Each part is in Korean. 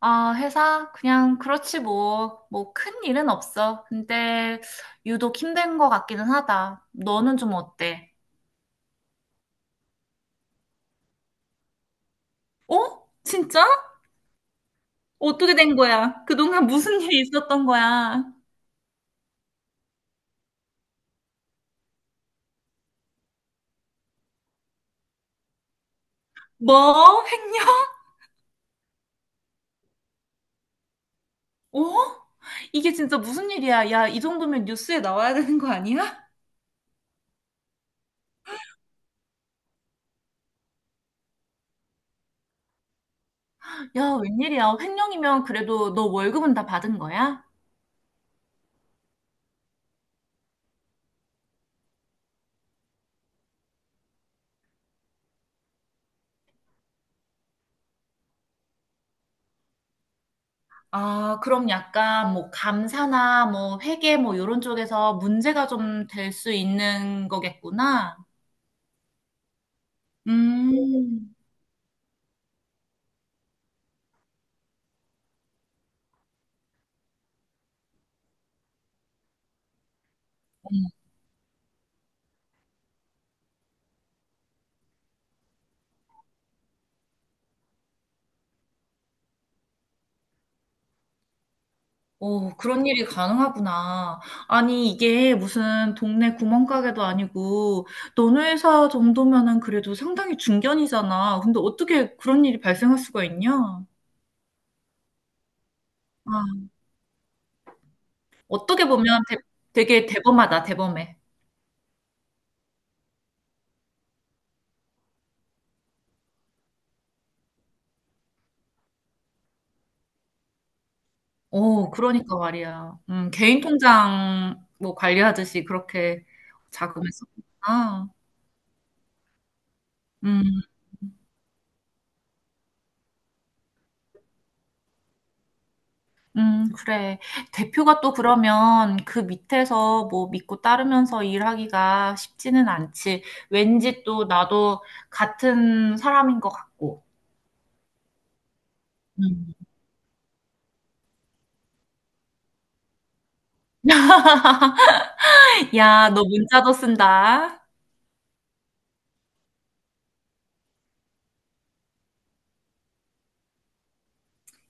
아, 회사? 그냥 그렇지 뭐. 뭐 큰 일은 없어. 근데 유독 힘든 것 같기는 하다. 너는 좀 어때? 어? 진짜? 어떻게 된 거야? 그동안 무슨 일이 있었던 거야? 뭐? 횡령? 어? 이게 진짜 무슨 일이야? 야, 이 정도면 뉴스에 나와야 되는 거 아니야? 야, 웬일이야? 횡령이면 그래도 너 월급은 다 받은 거야? 아, 그럼 약간 뭐 감사나 뭐 회계 뭐 이런 쪽에서 문제가 좀 될 수 있는 거겠구나. 음, 오, 그런 일이 가능하구나. 아니, 이게 무슨 동네 구멍가게도 아니고, 너네 회사 정도면은 그래도 상당히 중견이잖아. 근데 어떻게 그런 일이 발생할 수가 있냐? 아, 어떻게 보면 되게 대범하다, 대범해. 어, 그러니까 말이야. 개인 통장 뭐 관리하듯이 그렇게 자금을 썼구나. 음, 그래. 대표가 또 그러면 그 밑에서 뭐 믿고 따르면서 일하기가 쉽지는 않지. 왠지 또 나도 같은 사람인 것 같고. 음. 야, 너 문자도 쓴다.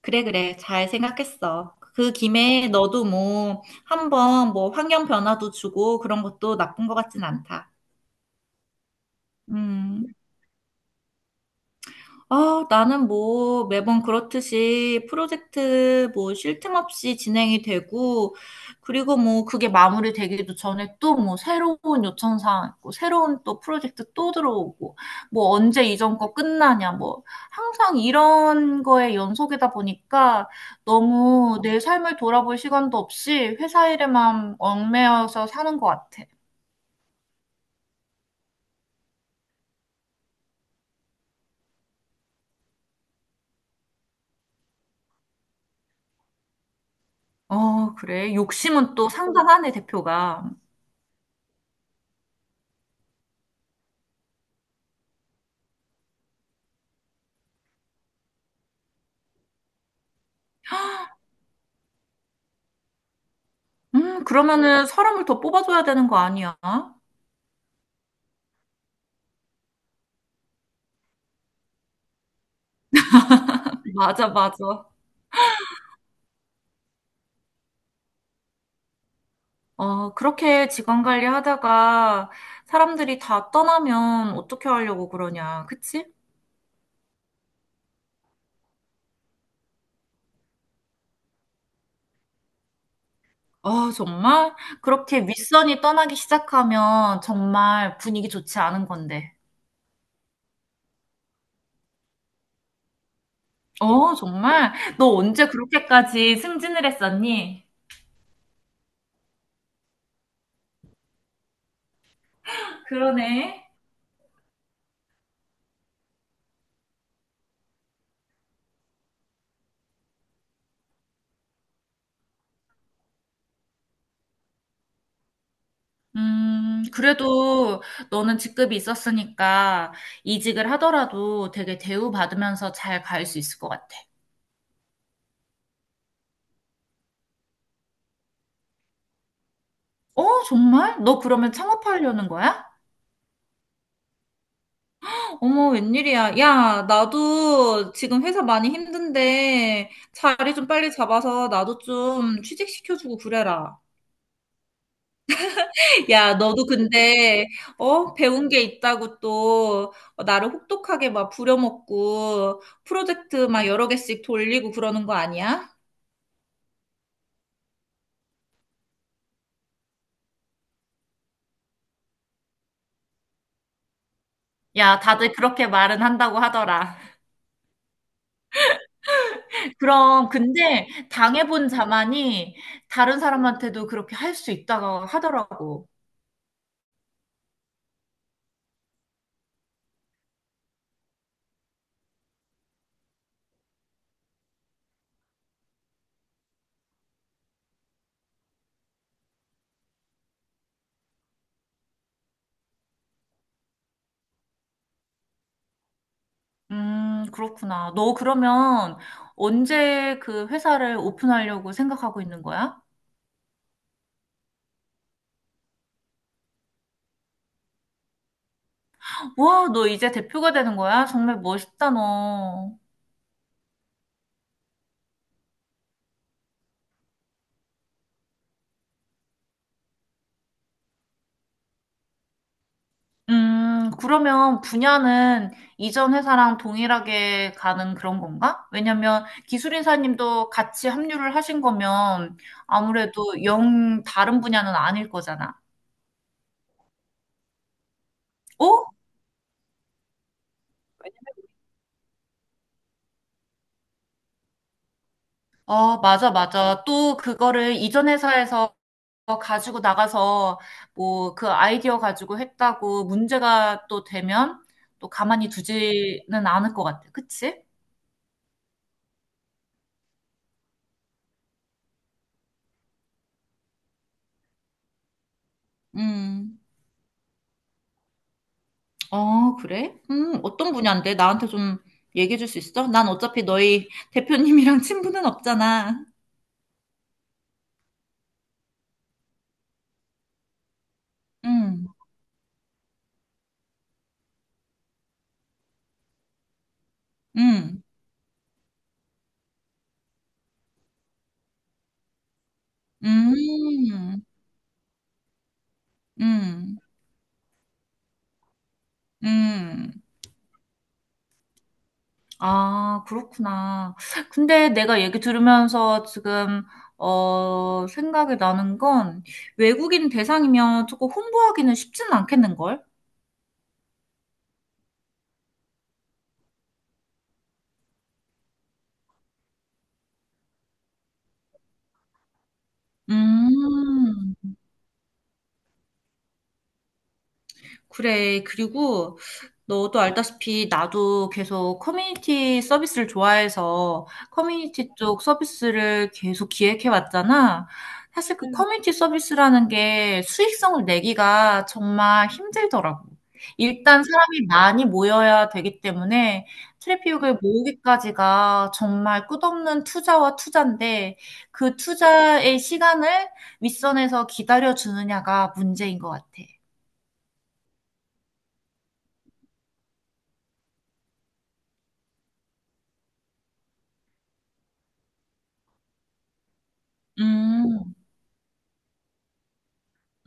그래, 그래. 잘 생각했어. 그 김에 너도 뭐 한번 뭐 환경 변화도 주고 그런 것도 나쁜 것 같진 않다. 음. 아, 나는 뭐 매번 그렇듯이 프로젝트 뭐 쉴 틈 없이 진행이 되고, 그리고 뭐 그게 마무리되기도 전에 또 뭐 새로운 요청사항 있고, 새로운 또 프로젝트 또 들어오고, 뭐 언제 이전 거 끝나냐, 뭐 항상 이런 거에 연속이다 보니까 너무 내 삶을 돌아볼 시간도 없이 회사 일에만 얽매여서 사는 것 같아. 어, 그래. 욕심은 또 상당하네, 대표가. 그러면은 사람을 더 뽑아줘야 되는 거 아니야? 맞아, 맞아. 어, 그렇게 직원 관리하다가 사람들이 다 떠나면 어떻게 하려고 그러냐, 그치? 아, 정말? 그렇게 윗선이 떠나기 시작하면 정말 분위기 좋지 않은 건데. 어, 정말? 너 언제 그렇게까지 승진을 했었니? 그러네. 그래도 너는 직급이 있었으니까 이직을 하더라도 되게 대우받으면서 잘 갈 수 있을 것 같아. 어, 정말? 너 그러면 창업하려는 거야? 어머, 웬일이야. 야, 나도 지금 회사 많이 힘든데 자리 좀 빨리 잡아서 나도 좀 취직시켜주고 그래라. 야, 너도 근데, 어, 배운 게 있다고 또 나를 혹독하게 막 부려먹고 프로젝트 막 여러 개씩 돌리고 그러는 거 아니야? 야, 다들 그렇게 말은 한다고 하더라. 그럼, 근데 당해본 자만이 다른 사람한테도 그렇게 할 수 있다고 하더라고. 그렇구나. 너 그러면 언제 그 회사를 오픈하려고 생각하고 있는 거야? 와, 너 이제 대표가 되는 거야? 정말 멋있다, 너. 그러면 분야는 이전 회사랑 동일하게 가는 그런 건가? 왜냐면 기술인사님도 같이 합류를 하신 거면 아무래도 영 다른 분야는 아닐 거잖아. 어? 어, 맞아, 맞아. 또 그거를 이전 회사에서 어, 가지고 나가서 뭐 그 아이디어 가지고 했다고 문제가 또 되면 또 가만히 두지는 않을 것 같아. 그치? 음, 어, 그래? 어떤 분야인데? 나한테 좀 얘기해 줄 수 있어? 난 어차피 너희 대표님이랑 친분은 없잖아. 음, 음, 음, 음, 음. 아, 그렇구나. 근데 내가 얘기 들으면서 지금, 어, 생각이 나는 건 외국인 대상이면 조금 홍보하기는 쉽지는 않겠는걸? 음, 그래. 그리고 너도 알다시피 나도 계속 커뮤니티 서비스를 좋아해서 커뮤니티 쪽 서비스를 계속 기획해 왔잖아. 사실 그 커뮤니티 서비스라는 게 수익성을 내기가 정말 힘들더라고. 일단 사람이 많이 모여야 되기 때문에 트래픽을 모으기까지가 정말 끝없는 투자와 투자인데 그 투자의 시간을 윗선에서 기다려 주느냐가 문제인 것 같아. 음.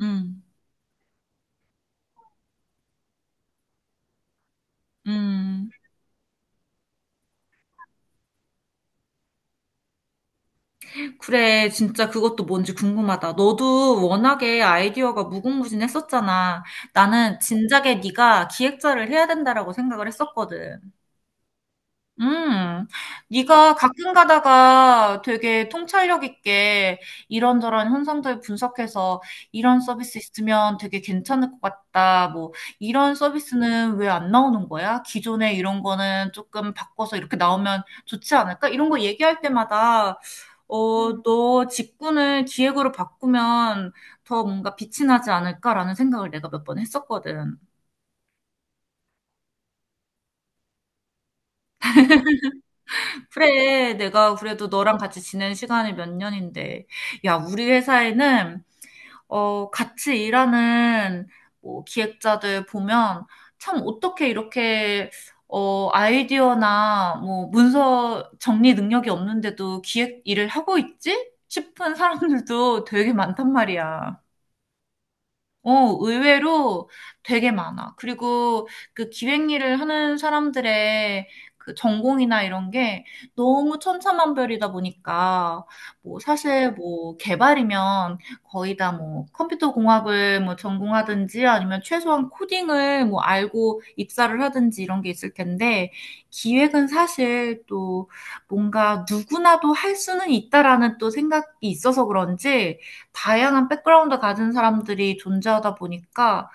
음, 음. 그래, 진짜 그것도 뭔지 궁금하다. 너도 워낙에 아이디어가 무궁무진했었잖아. 나는 진작에 네가 기획자를 해야 된다라고 생각을 했었거든. 음, 네가 가끔 가다가 되게 통찰력 있게 이런저런 현상들 분석해서 이런 서비스 있으면 되게 괜찮을 것 같다. 뭐 이런 서비스는 왜 안 나오는 거야? 기존에 이런 거는 조금 바꿔서 이렇게 나오면 좋지 않을까? 이런 거 얘기할 때마다 어, 너 직군을 기획으로 바꾸면 더 뭔가 빛이 나지 않을까라는 생각을 내가 몇 번 했었거든. 그래, 내가 그래도 너랑 같이 지낸 시간이 몇 년인데. 야, 우리 회사에는, 어, 같이 일하는, 뭐, 기획자들 보면, 참, 어떻게 이렇게, 어, 아이디어나, 뭐, 문서 정리 능력이 없는데도 기획 일을 하고 있지? 싶은 사람들도 되게 많단 말이야. 어, 의외로 되게 많아. 그리고 그 기획 일을 하는 사람들의 그 전공이나 이런 게 너무 천차만별이다 보니까 뭐 사실 뭐 개발이면 거의 다 뭐 컴퓨터 공학을 뭐 전공하든지 아니면 최소한 코딩을 뭐 알고 입사를 하든지 이런 게 있을 텐데 기획은 사실 또 뭔가 누구나도 할 수는 있다라는 또 생각이 있어서 그런지 다양한 백그라운드 가진 사람들이 존재하다 보니까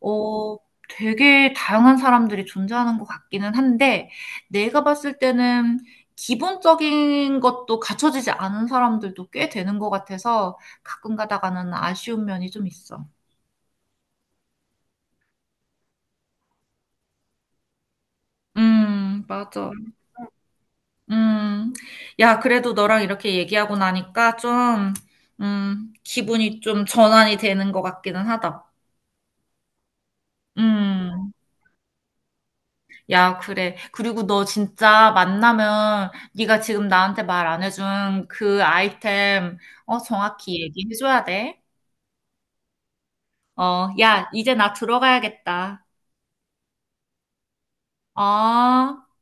어 되게 다양한 사람들이 존재하는 것 같기는 한데 내가 봤을 때는 기본적인 것도 갖춰지지 않은 사람들도 꽤 되는 것 같아서 가끔 가다가는 아쉬운 면이 좀 있어. 맞아. 음. 야, 그래도 너랑 이렇게 얘기하고 나니까 좀, 기분이 좀 전환이 되는 것 같기는 하다. 음. 야, 그래. 그리고 너 진짜 만나면 네가 지금 나한테 말 안 해준 그 아이템 어 정확히 얘기해줘야 돼. 어, 야, 이제 나 들어가야겠다. 어.